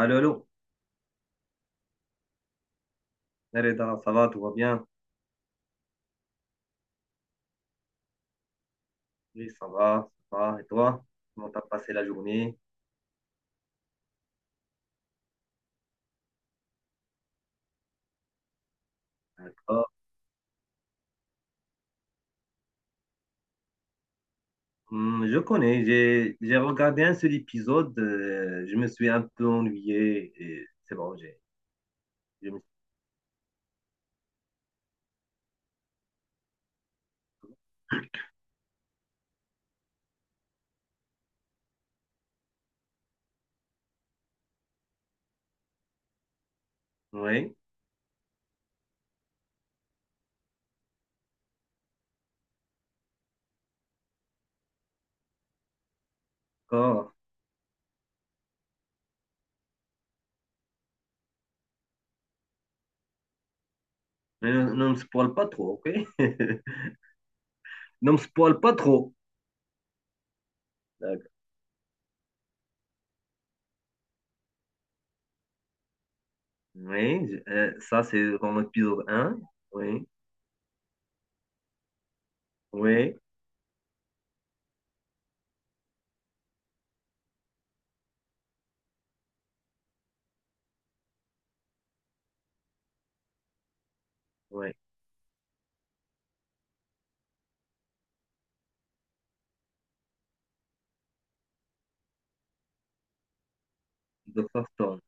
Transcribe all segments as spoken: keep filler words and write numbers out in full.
Allô, allô. Eh, Reda, ça va, tout va bien? Oui, ça va, ça va. Et toi? Comment t'as passé la journée? D'accord. Hum, je connais, j'ai j'ai regardé un seul épisode, euh, je me suis un peu ennuyé et c'est bon, j'ai. je me- Oui, d'accord. Mais ne, ne me spoil pas trop, ok? Ne me spoil pas trop. D'accord. Oui, je- euh, ça c'est dans l'épisode un. Oui, oui, oui. Docteur Stone.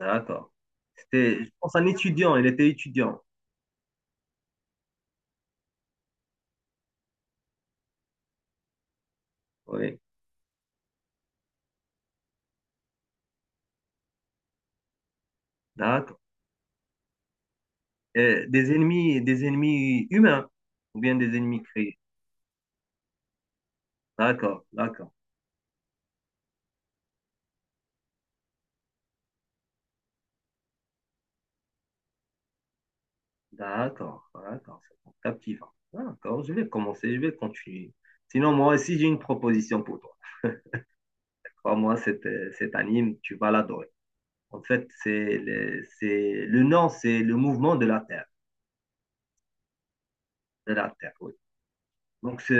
D'accord. C'était, je pense, un étudiant, il était étudiant. Oui. D'accord. Euh, des ennemis, des ennemis humains ou bien des ennemis créés. D'accord, d'accord, d'accord, d'accord, c'est bon, captivant. D'accord, je vais commencer, je vais continuer. Sinon, moi aussi, j'ai une proposition pour toi. Crois-moi, cet, euh, cet anime, tu vas l'adorer. En fait, c'est le, c'est, le nom, c'est le mouvement de la Terre. De la Terre, oui. Donc, c'est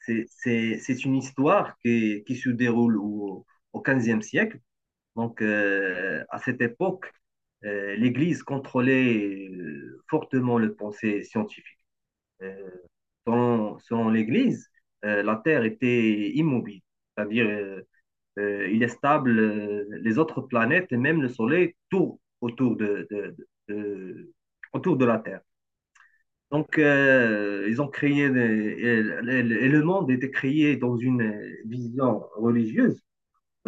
c'est- c'est- c'est une histoire qui, qui se déroule au, au quinzième siècle. Donc, euh, à cette époque, euh, l'Église contrôlait euh, fortement le pensée scientifique. Euh, selon, selon l'Église, euh, la Terre était immobile, c'est-à-dire euh, euh, il est stable, euh, les autres planètes et même le Soleil tournent autour de, de- de- de- autour de la Terre. Donc, euh, ils ont créé, des- et, et- et le monde était créé dans une vision religieuse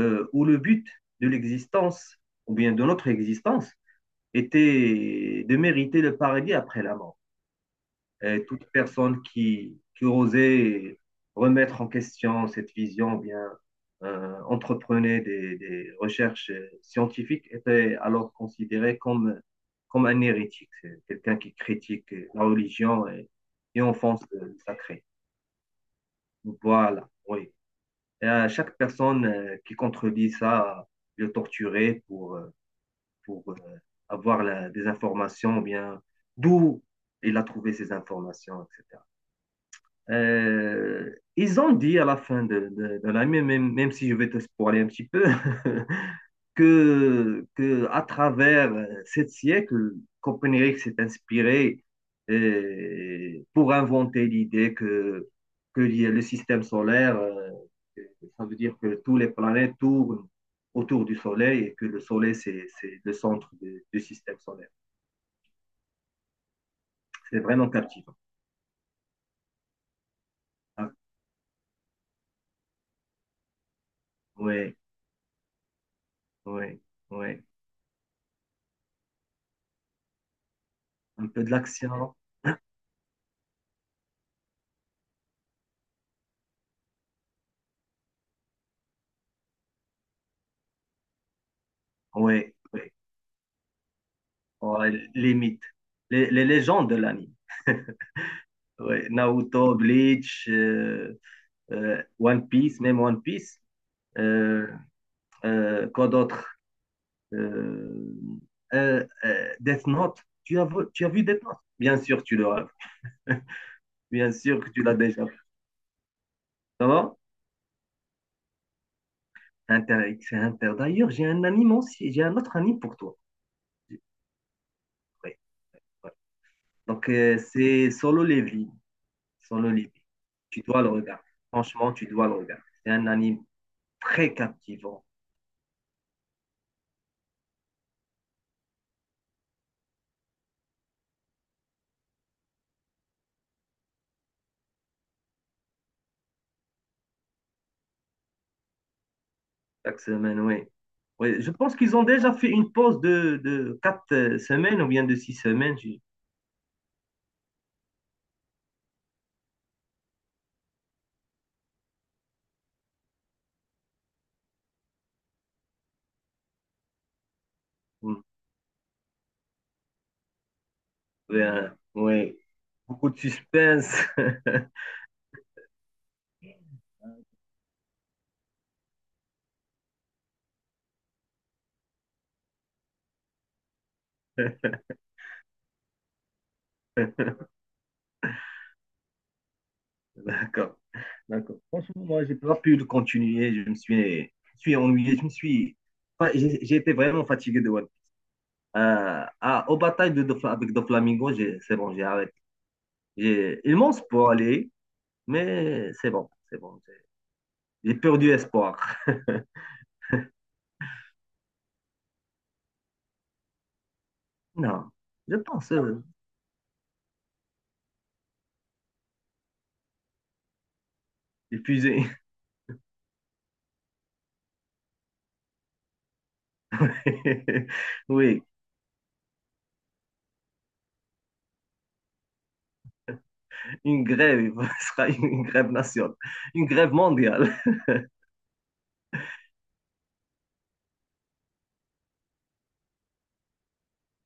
euh, où le but de l'existence, ou bien de notre existence, était de mériter le paradis après la mort. Et toute personne qui, qui osait remettre en question cette vision, bien euh, entreprenait des, des, recherches scientifiques, était alors considérée comme, comme un hérétique, quelqu'un qui critique la religion et, et enfonce le sacré. Voilà, oui. Et à chaque personne euh, qui contredit ça, le torturer pour, euh, pour euh, avoir la- des informations, ou bien d'où il a trouvé ces informations, et cetera. Euh, ils ont dit à la fin de, de, de l'année, même, même si je vais te spoiler un petit peu. que, que à travers euh, sept siècles, Copernic s'est inspiré euh, pour inventer l'idée que, que le système solaire, euh, ça veut dire que toutes les planètes tournent autour du Soleil et que le Soleil, c'est, c'est le centre de- du système solaire. C'est vraiment captivant. Ah, ouais, ouais, ouais. Un peu de l'action. Ouais, ouais. Ouais, les mythes, les, les légendes de l'anime. Ouais, Naruto, Bleach, euh, euh, One Piece, même One Piece. Euh, euh, quoi d'autre? Euh, euh, euh, Death Note. Tu as, vu- tu as vu Death Note? Bien sûr, tu l'auras. Vu. Bien sûr que tu l'as déjà vu. Ça va? Inter, c'est Inter. D'ailleurs, j'ai un anime aussi. J'ai un autre anime pour toi. Ouais, ouais. Donc, euh, c'est Solo Leveling. Solo Leveling. Tu dois le regarder. Franchement, tu dois le regarder. C'est un anime très captivant. Chaque semaine, oui. Oui, je pense qu'ils ont déjà fait une pause de, de quatre euh, semaines ou bien de six semaines. je- Mm. Oui, euh, oui. Beaucoup de suspense. D'accord. D'accord. Franchement, moi, j'ai pas pu le continuer. Je me suis, je suis ennuyé. Je me suis. Enfin, j'ai j'ai été vraiment fatigué de One Piece. Euh, ah, aux batailles de, Dofla- avec Doflamingo, j'ai- c'est bon, j'ai arrêté. J'ai immense pour aller, mais c'est bon, c'est bon. J'ai j'ai perdu espoir. Non, je pense euh, épuisé. Oui, une grève. Ce sera une grève nationale, une grève mondiale.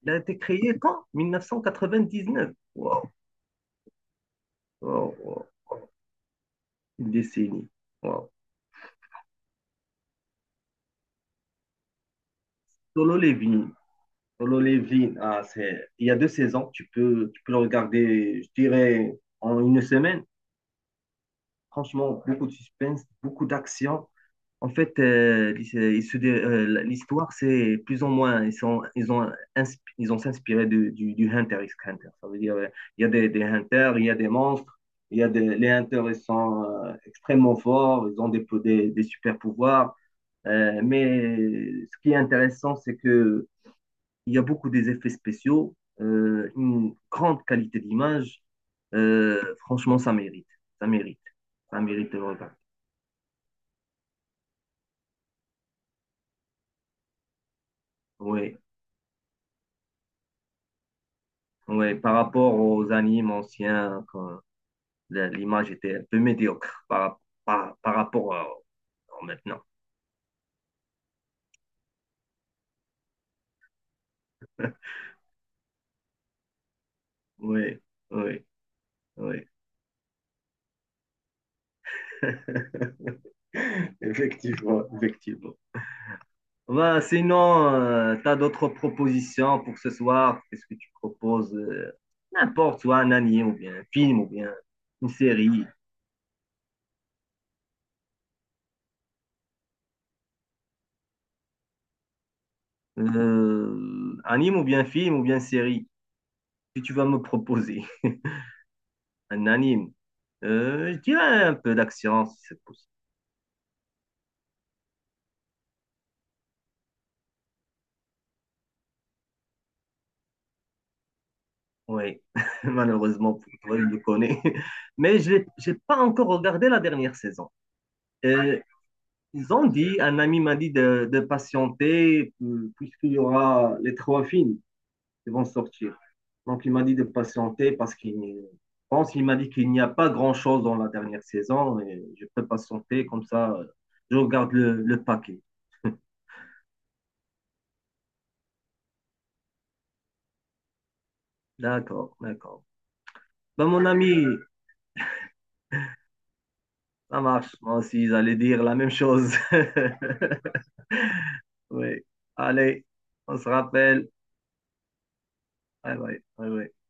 Il a été créé quand? mille neuf cent quatre-vingt-dix-neuf. Wow, wow, wow. Une décennie. Wow. Solo Levin. Solo Levin, ah, c'est... il y a deux saisons, tu peux, tu peux le regarder, je dirais, en une semaine. Franchement, beaucoup de suspense, beaucoup d'action. En fait, euh, il se- il se dé- euh, l'histoire, c'est plus ou moins, ils sont, ils ont, insp- ils ont s'inspiré du, du, du Hunter x Hunter. Ça veut dire, euh, il y a des, des Hunters, il y a des monstres, il y a des, les Hunters, ils sont euh, extrêmement forts, ils ont des, po- des, des super pouvoirs. Euh, mais ce qui est intéressant, c'est que il y a beaucoup des effets spéciaux, euh, une grande qualité d'image. Euh, franchement, ça mérite. Ça mérite. Ça mérite le regard. Oui, oui. Par rapport aux animes anciens, quand la- l'image était un peu médiocre par, par, par rapport à, à maintenant. Oui, oui, oui. Effectivement, effectivement. Ouais, sinon, tu as d'autres propositions pour ce soir? Qu'est-ce que tu proposes? Euh, n'importe, soit un anime ou bien un film ou bien une série. Euh, anime ou bien film ou bien série. Que tu vas me proposer? Un anime. Euh, je dirais un peu d'action si c'est possible. Oui, malheureusement pour toi, je le connais. Mais je n'ai pas encore regardé la dernière saison. Euh, ils ont dit, un ami m'a dit de, de patienter euh, puisqu'il y aura les trois films. Ils vont sortir. Donc, il m'a dit de patienter parce qu'il pense qu'il m'a dit qu'il n'y a pas grand-chose dans la dernière saison et je peux patienter comme ça, je regarde le, le paquet. D'accord, d'accord. Ben, mon ami, ça marche. Moi aussi, j'allais dire la même chose. Oui. Allez, on se rappelle. Ouais, ouais, ouais, ouais.